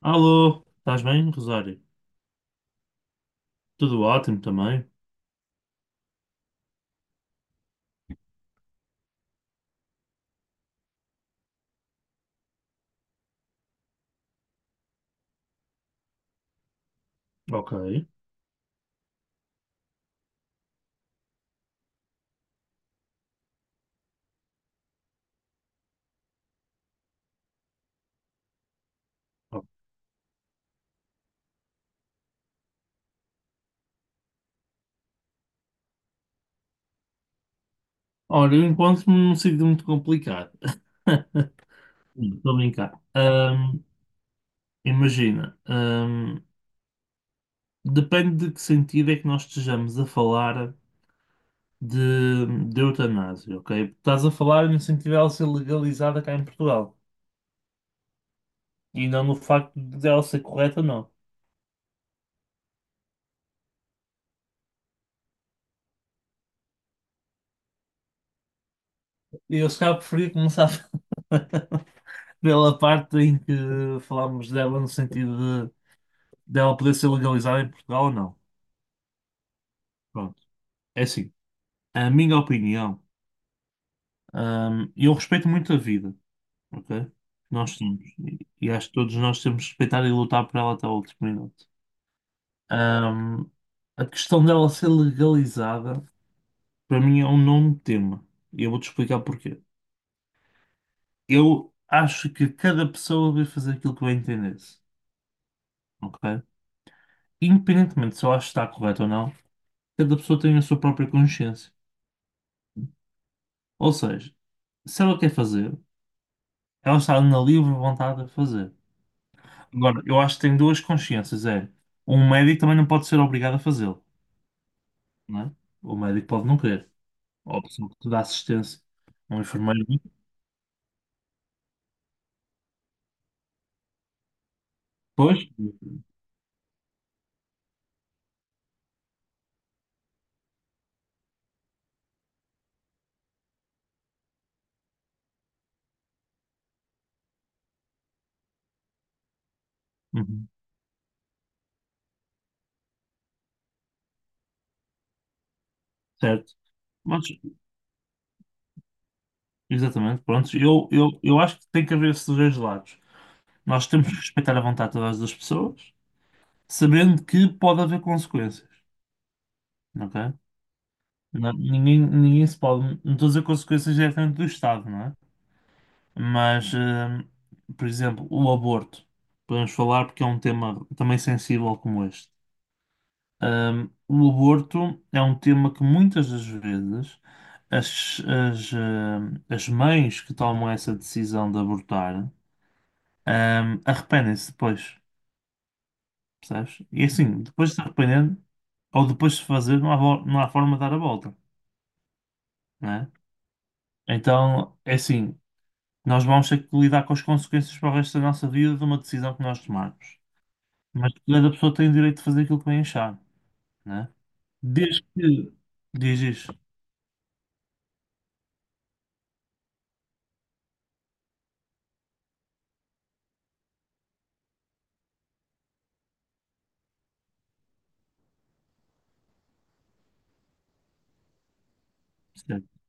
Alô, estás bem, Rosário? Tudo ótimo também? Ok. Olha, eu encontro-me num sítio muito complicado. Estou a brincar. Imagina, depende de que sentido é que nós estejamos a falar de eutanásia, ok? Estás a falar no sentido dela ser legalizada cá em Portugal e não no facto de ela ser correta, não. Eu se calhar preferia começar pela parte em que falámos dela no sentido dela poder ser legalizada em Portugal ou não. Pronto, é assim. A minha opinião, eu respeito muito a vida, ok? Que nós temos. E acho que todos nós temos que respeitar e lutar por ela até o último minuto. Hum, a questão dela ser legalizada, para mim, é um nome tema. E eu vou-te explicar porquê. Eu acho que cada pessoa deve fazer aquilo que bem se, ok? Independentemente se eu acho que está correto ou não, cada pessoa tem a sua própria consciência. Ou seja, se ela quer fazer. Elas estavam na livre vontade a fazer. Agora, eu acho que tem duas consciências. É, um médico também não pode ser obrigado a fazê-lo, não é? O médico pode não querer. Ou a pessoa que te dá assistência. Um enfermeiro. Pois, uhum, certo. Mas, exatamente, pronto. Eu acho que tem que haver esses dois lados. Nós temos que respeitar a vontade de todas as pessoas, sabendo que pode haver consequências, ok? Ninguém se pode. Não estou a dizer consequências diretamente do Estado, não é? Mas, por exemplo, o aborto. Podemos falar porque é um tema também sensível como este. O aborto é um tema que muitas das vezes as mães que tomam essa decisão de abortar, arrependem-se depois, percebes? E assim, depois de se arrepender ou depois de se fazer, não há forma de dar a volta, né? Então, é assim, nós vamos ter que lidar com as consequências para o resto da nossa vida de uma decisão que nós tomarmos. Mas cada pessoa tem o direito de fazer aquilo que bem achar, né? Desde que. Diz isso. Certo.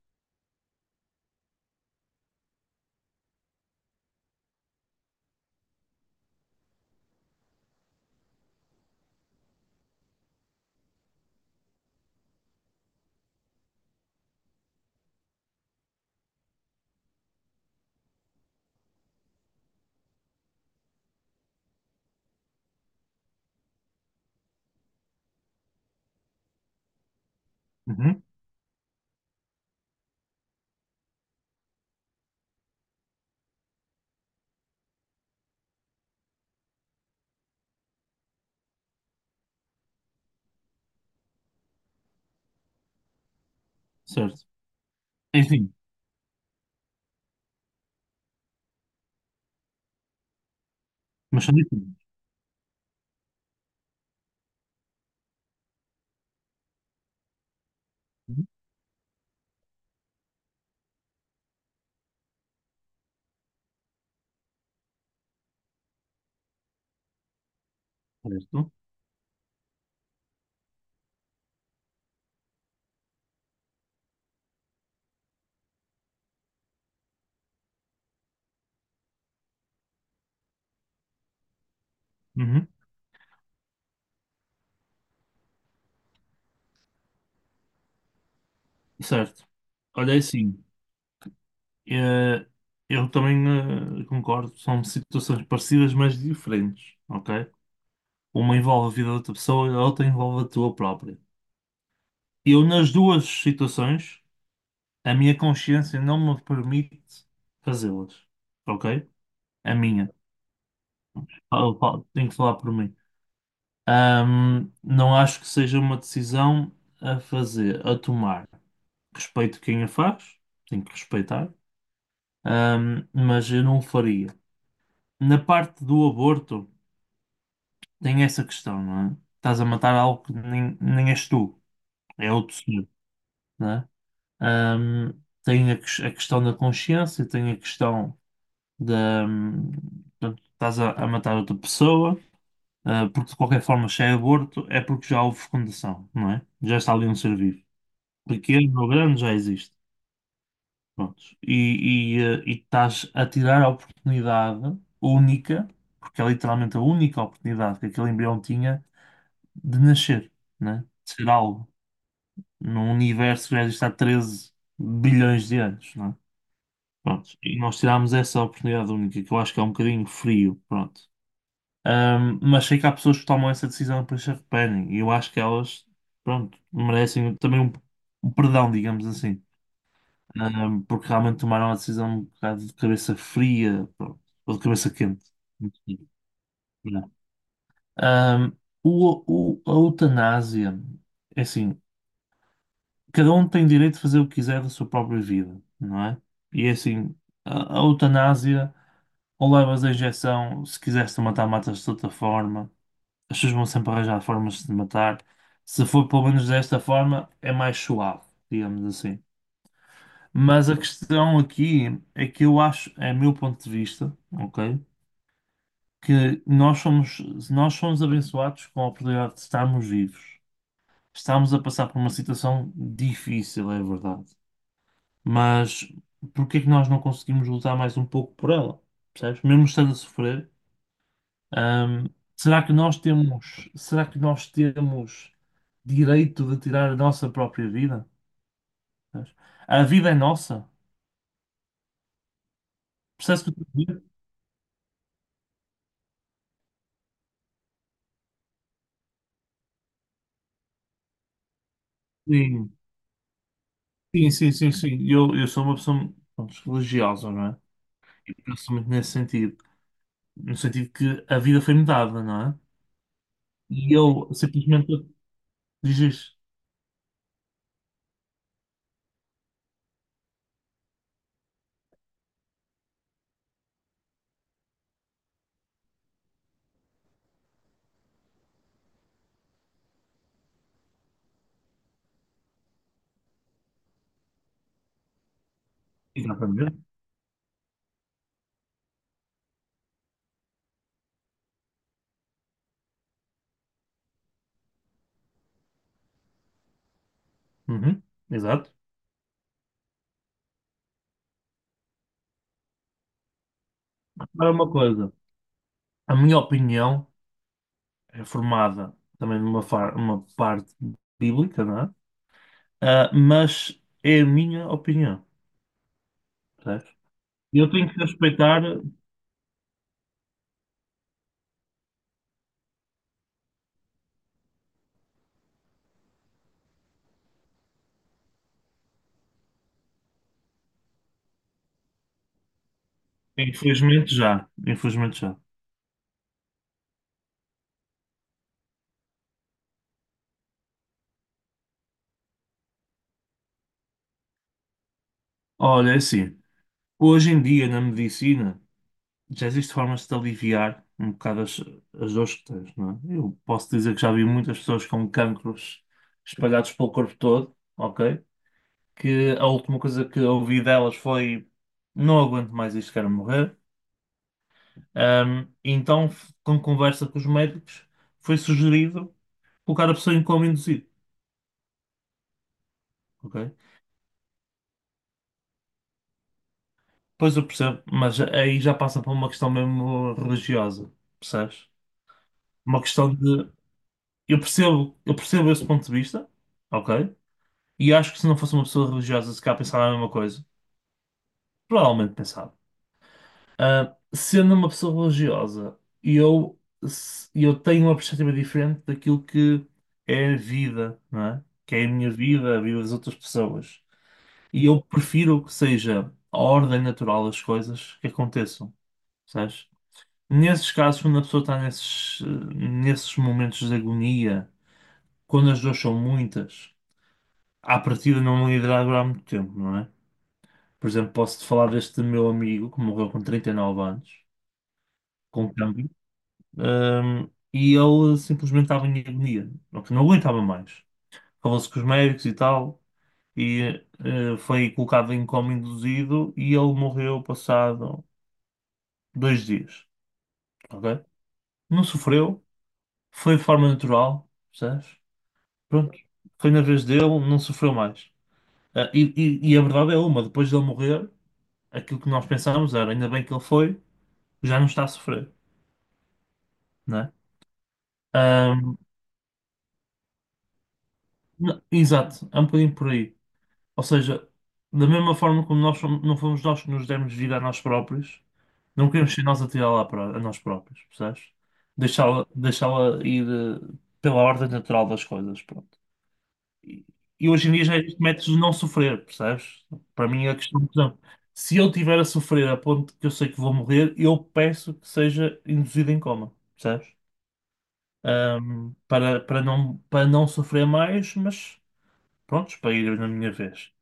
Uhum. Certo. Enfim, mas são diferentes. Uhum. Certo. Uhum. Certo. Olha, é assim, eh, eu também concordo, são situações parecidas, mas diferentes, ok? Uma envolve a vida da outra pessoa e a outra envolve a tua própria. Eu, nas duas situações, a minha consciência não me permite fazê-las, ok? A minha. Tenho que falar por mim. Não acho que seja uma decisão a fazer, a tomar. Respeito quem a faz, tenho que respeitar, mas eu não o faria. Na parte do aborto, tem essa questão, não é? Estás a matar algo que nem és tu, é outro ser, não é? Ahm, Tem a questão da consciência, tem a questão da. Portanto, estás a matar outra pessoa, porque de qualquer forma, se é aborto, é porque já houve fecundação, não é? Já está ali um ser vivo, pequeno ou grande já existe. Prontos. E estás a tirar a oportunidade única, porque é literalmente a única oportunidade que aquele embrião tinha de nascer, né? De ser algo, num universo que já existe há 13 bilhões de anos, né? Pronto. E nós tirámos essa oportunidade única, que eu acho que é um bocadinho frio, pronto. Mas sei que há pessoas que tomam essa decisão para se arrependem, e eu acho que elas, pronto, merecem também um perdão, digamos assim. Porque realmente tomaram a decisão um bocado de cabeça fria, pronto, ou de cabeça quente. Muito bem. Yeah. Ahm, a eutanásia, é assim, cada um tem direito de fazer o que quiser da sua própria vida, não é? E é assim, a eutanásia, ou levas a injeção, se quiseres te matar, matas de outra forma, as pessoas vão sempre arranjar formas de te matar. Se for pelo menos desta forma, é mais suave, digamos assim. Mas a questão aqui é que eu acho, é meu ponto de vista, ok? Que nós somos abençoados com a oportunidade de estarmos vivos. Estamos a passar por uma situação difícil, é verdade. Mas por que é que nós não conseguimos lutar mais um pouco por ela? Percebes? Mesmo estando a sofrer, hum, será que nós temos direito de tirar a nossa própria vida? Percebes? A vida é nossa. Percebes o que eu estou a dizer? Sim. Sim, sim, sim, sim. Eu sou uma pessoa pronto, religiosa, não é? E penso muito nesse sentido. No sentido que a vida foi-me dada, não é? E eu simplesmente dizes. Exatamente. Uhum, exato. Agora uma coisa. A minha opinião é formada também uma parte bíblica, não é? Mas é a minha opinião, certo? E eu tenho que respeitar, infelizmente já. Infelizmente já. Olha, é assim. Hoje em dia na medicina. Já existe formas de aliviar um bocado as dores que tens, não é? Eu posso dizer que já vi muitas pessoas com cancros espalhados pelo corpo todo, ok? Que a última coisa que ouvi delas foi: não aguento mais isto, quero morrer. Com conversa com os médicos, foi sugerido colocar a pessoa em coma induzido, ok? Pois eu percebo, mas aí já passa para uma questão mesmo religiosa, percebes? Uma questão de. Eu percebo esse ponto de vista. Ok. E acho que se não fosse uma pessoa religiosa, se calhar pensava a mesma coisa. Provavelmente pensava. Sendo uma pessoa religiosa, eu, se- eu tenho uma perspectiva diferente daquilo que é a vida, não é? Que é a minha vida, a vida das outras pessoas. E eu prefiro que seja a ordem natural das coisas que aconteçam, sabes? Nesses casos, quando a pessoa está nesses momentos de agonia, quando as dores são muitas, à partida não irá durar muito tempo, não é? Por exemplo, posso-te falar deste meu amigo que morreu com 39 anos, com cancro, hum, e ele simplesmente estava em agonia, porque não aguentava mais. Falou-se com os médicos e tal, e foi colocado em coma induzido e ele morreu passado 2 dias, ok? Não sofreu, foi de forma natural, percebes? Pronto, foi na vez dele, não sofreu mais. Ah, e, e e a verdade é uma, depois dele morrer, aquilo que nós pensávamos era, ainda bem que ele foi, já não está a sofrer né? Ahm, Exato, é um bocadinho por aí. Ou seja, da mesma forma como não fomos nós que nos demos vida a nós próprios, não queremos ser nós a tirá-la a nós próprios, percebes? Deixá-la ir pela ordem natural das coisas, pronto. E, e hoje em dia já existe métodos de não sofrer, percebes? Para mim é a questão, por exemplo, se eu estiver a sofrer a ponto que eu sei que vou morrer, eu peço que seja induzido em coma, percebes? Para não sofrer mais, mas prontos, para ir na minha vez.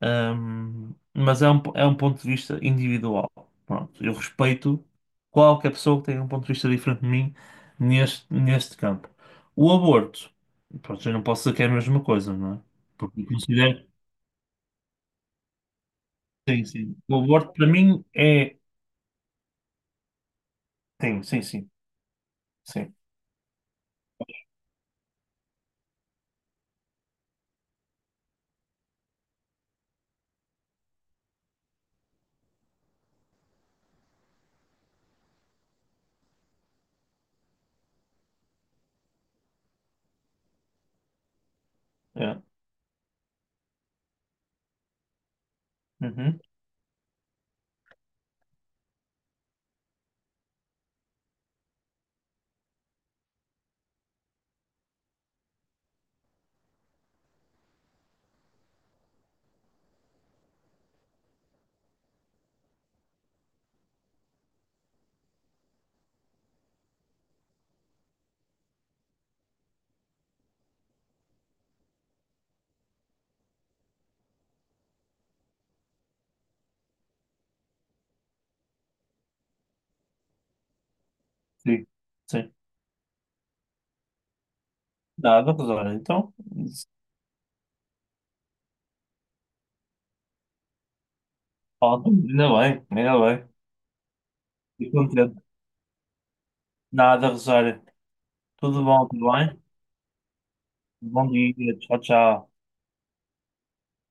Mas é um ponto de vista individual. Pronto, eu respeito qualquer pessoa que tenha um ponto de vista diferente de mim neste campo. O aborto, pronto, eu não posso dizer que é a mesma coisa, não é? Porque eu considero, que sim, sim. O aborto para mim é. Sim, sim, sim, sim. É. Uhum, sim, sim. Nada, Rosário. Então, ainda bem, ainda bem. Fico contente. Nada, Rosário. Tudo bom, tudo bem? Bom dia, tchau, tchau.